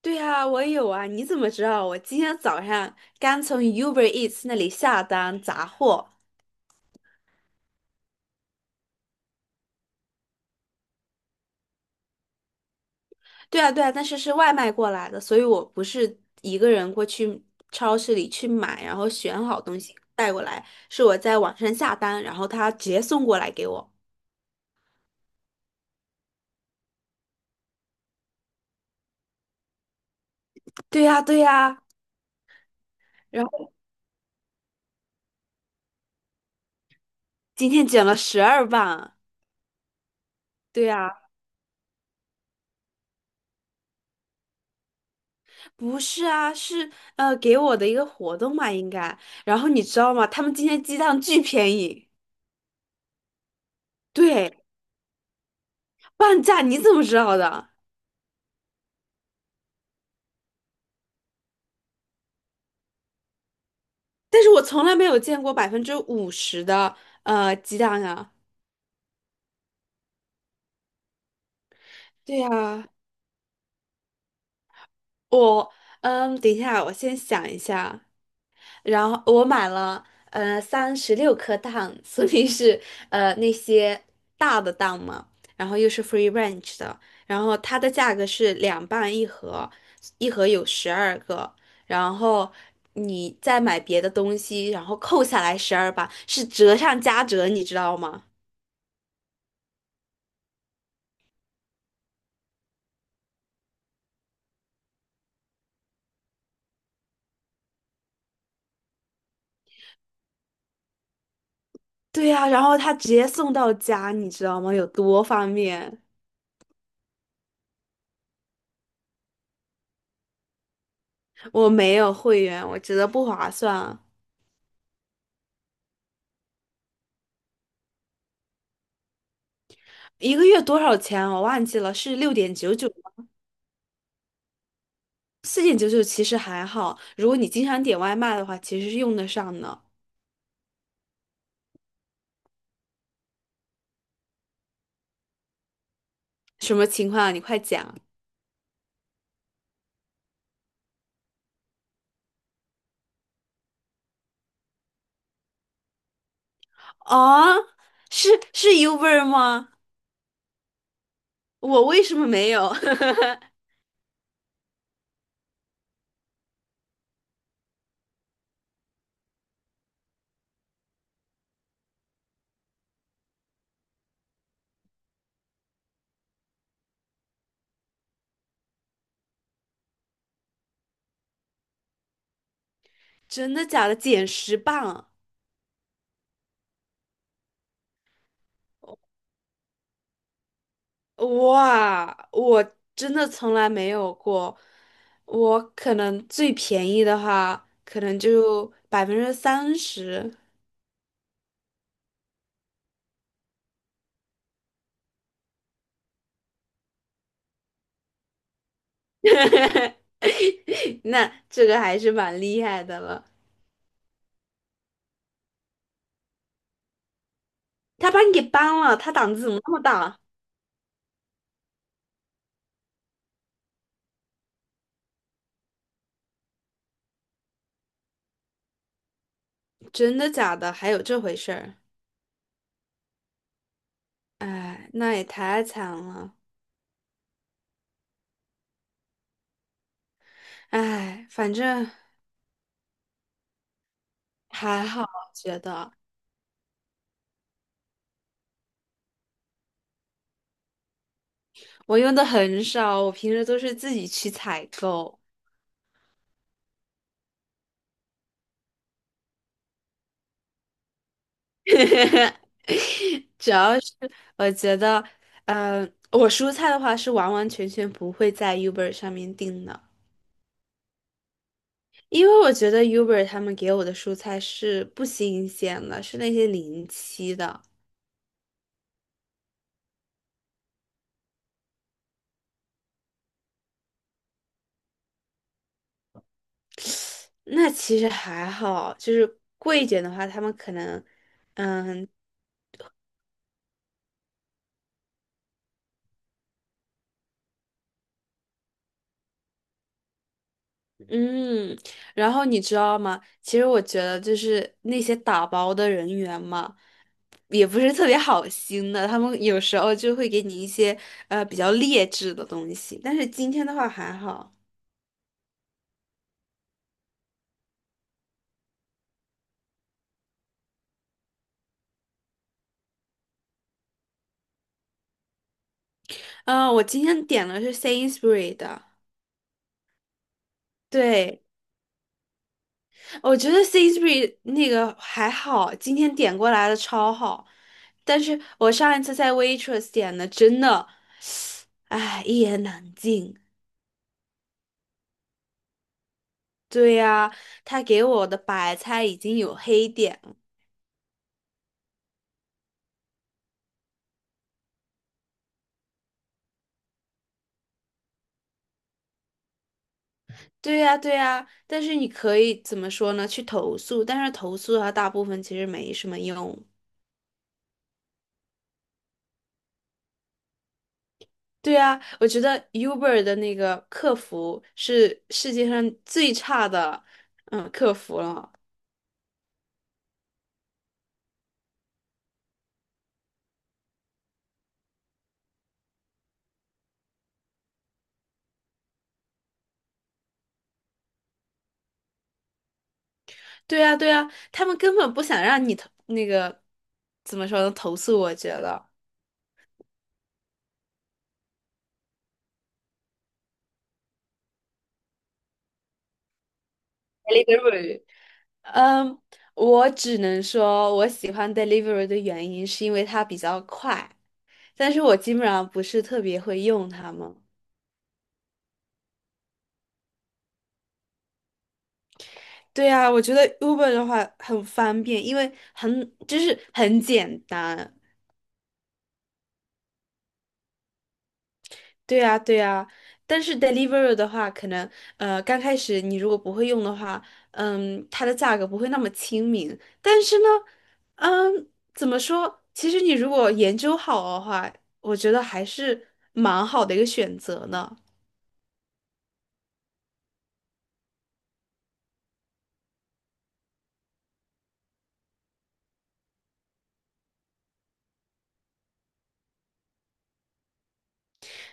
对啊，我有啊，你怎么知道？我今天早上刚从 Uber Eats 那里下单杂货。对啊，对啊，但是是外卖过来的，所以我不是一个人过去超市里去买，然后选好东西带过来，是我在网上下单，然后他直接送过来给我。对呀，对呀，然后今天减了十二磅。对呀，不是啊，是给我的一个活动嘛，应该。然后你知道吗？他们今天鸡蛋巨便宜。对。半价你怎么知道的？但是我从来没有见过50%的鸡蛋啊。对呀，我等一下，我先想一下。然后我买了36颗蛋，所以是那些大的蛋嘛，然后又是 free range 的，然后它的价格是两半一盒，一盒有12个，然后。你再买别的东西，然后扣下来十二磅，是折上加折，你知道吗？对呀、然后他直接送到家，你知道吗？有多方便？我没有会员，我觉得不划算。一个月多少钱？我忘记了，是6.99。4.99其实还好，如果你经常点外卖的话，其实是用得上的。什么情况啊你快讲啊！是是 Uber 吗？我为什么没有？真的假的？减10磅！哇，我真的从来没有过。我可能最便宜的话，可能就30%。那这个还是蛮厉害的了。他把你给搬了，他胆子怎么那么大？真的假的？还有这回事儿？哎，那也太惨了。哎，反正还好，我觉得我用的很少，我平时都是自己去采购。主要是我觉得，嗯，我蔬菜的话是完完全全不会在 Uber 上面订的，因为我觉得 Uber 他们给我的蔬菜是不新鲜的，是那些临期的。那其实还好，就是贵一点的话，他们可能，嗯。嗯，然后你知道吗？其实我觉得就是那些打包的人员嘛，也不是特别好心的，他们有时候就会给你一些比较劣质的东西。但是今天的话还好，嗯、我今天点的是 Sainsbury 的，对，我觉得 Sainsbury 那个还好，今天点过来的超好，但是我上一次在 Waitrose 点的真的，唉，一言难尽。对呀，他给我的白菜已经有黑点了。对呀，对呀，但是你可以怎么说呢？去投诉，但是投诉的话，大部分其实没什么用。对呀，我觉得 Uber 的那个客服是世界上最差的，客服了。对呀，对呀，他们根本不想让你投那个怎么说呢？投诉，我觉得。Delivery。嗯，我只能说我喜欢 Delivery 的原因是因为它比较快。但是我基本上不是特别会用它们。对啊，我觉得 Uber 的话很方便，因为很就是很简单。对啊，对啊。但是 Deliveroo 的话，可能刚开始你如果不会用的话，它的价格不会那么亲民。但是呢，嗯，怎么说？其实你如果研究好的话，我觉得还是蛮好的一个选择呢。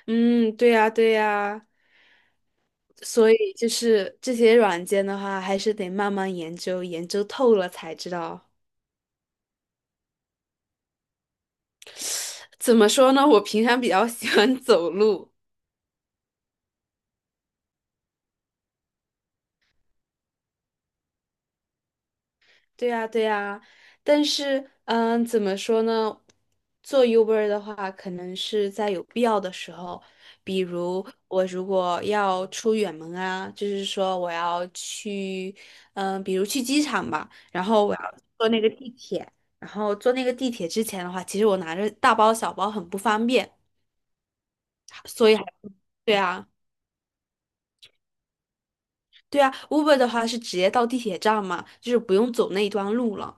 嗯，对呀，对呀。所以就是这些软件的话，还是得慢慢研究，研究透了才知道。怎么说呢？我平常比较 喜欢走路，对呀，对呀。但是，怎么说呢？做 Uber 的话，可能是在有必要的时候，比如我如果要出远门啊，就是说我要去，比如去机场吧，然后我要坐那个地铁，然后坐那个地铁之前的话，其实我拿着大包小包很不方便。所以还对啊，对啊，Uber 的话是直接到地铁站嘛，就是不用走那一段路了。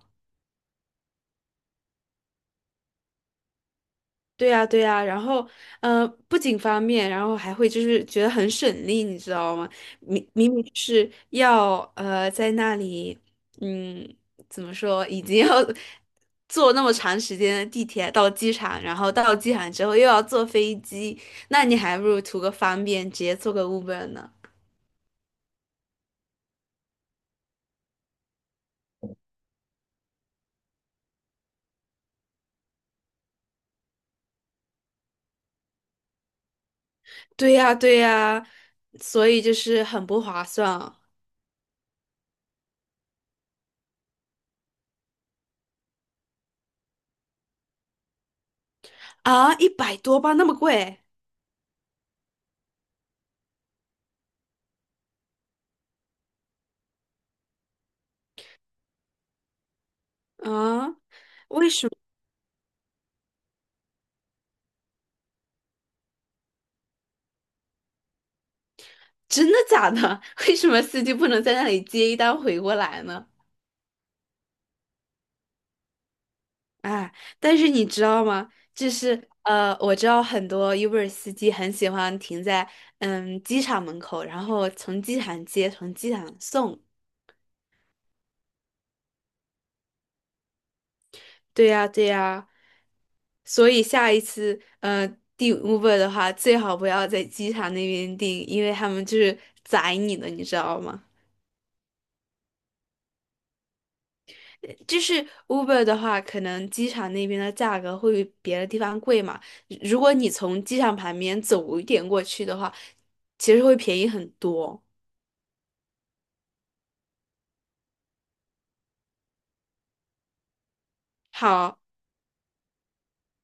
对呀，对呀，然后，不仅方便，然后还会就是觉得很省力，你知道吗？明明是要在那里，嗯，怎么说，已经要 坐那么长时间的地铁到机场，然后到机场之后又要坐飞机，那你还不如图个方便，直接坐个 Uber 呢。对呀，对呀，所以就是很不划算。啊，一百多吧，那么贵啊？为什么？真的假的？为什么司机不能在那里接一单回过来呢？哎，但是你知道吗？就是我知道很多 Uber 司机很喜欢停在机场门口，然后从机场接，从机场送。对呀，对呀。所以下一次订 Uber 的话，最好不要在机场那边订，因为他们就是宰你的，你知道吗？就是 Uber 的话，可能机场那边的价格会比别的地方贵嘛。如果你从机场旁边走一点过去的话，其实会便宜很多。好，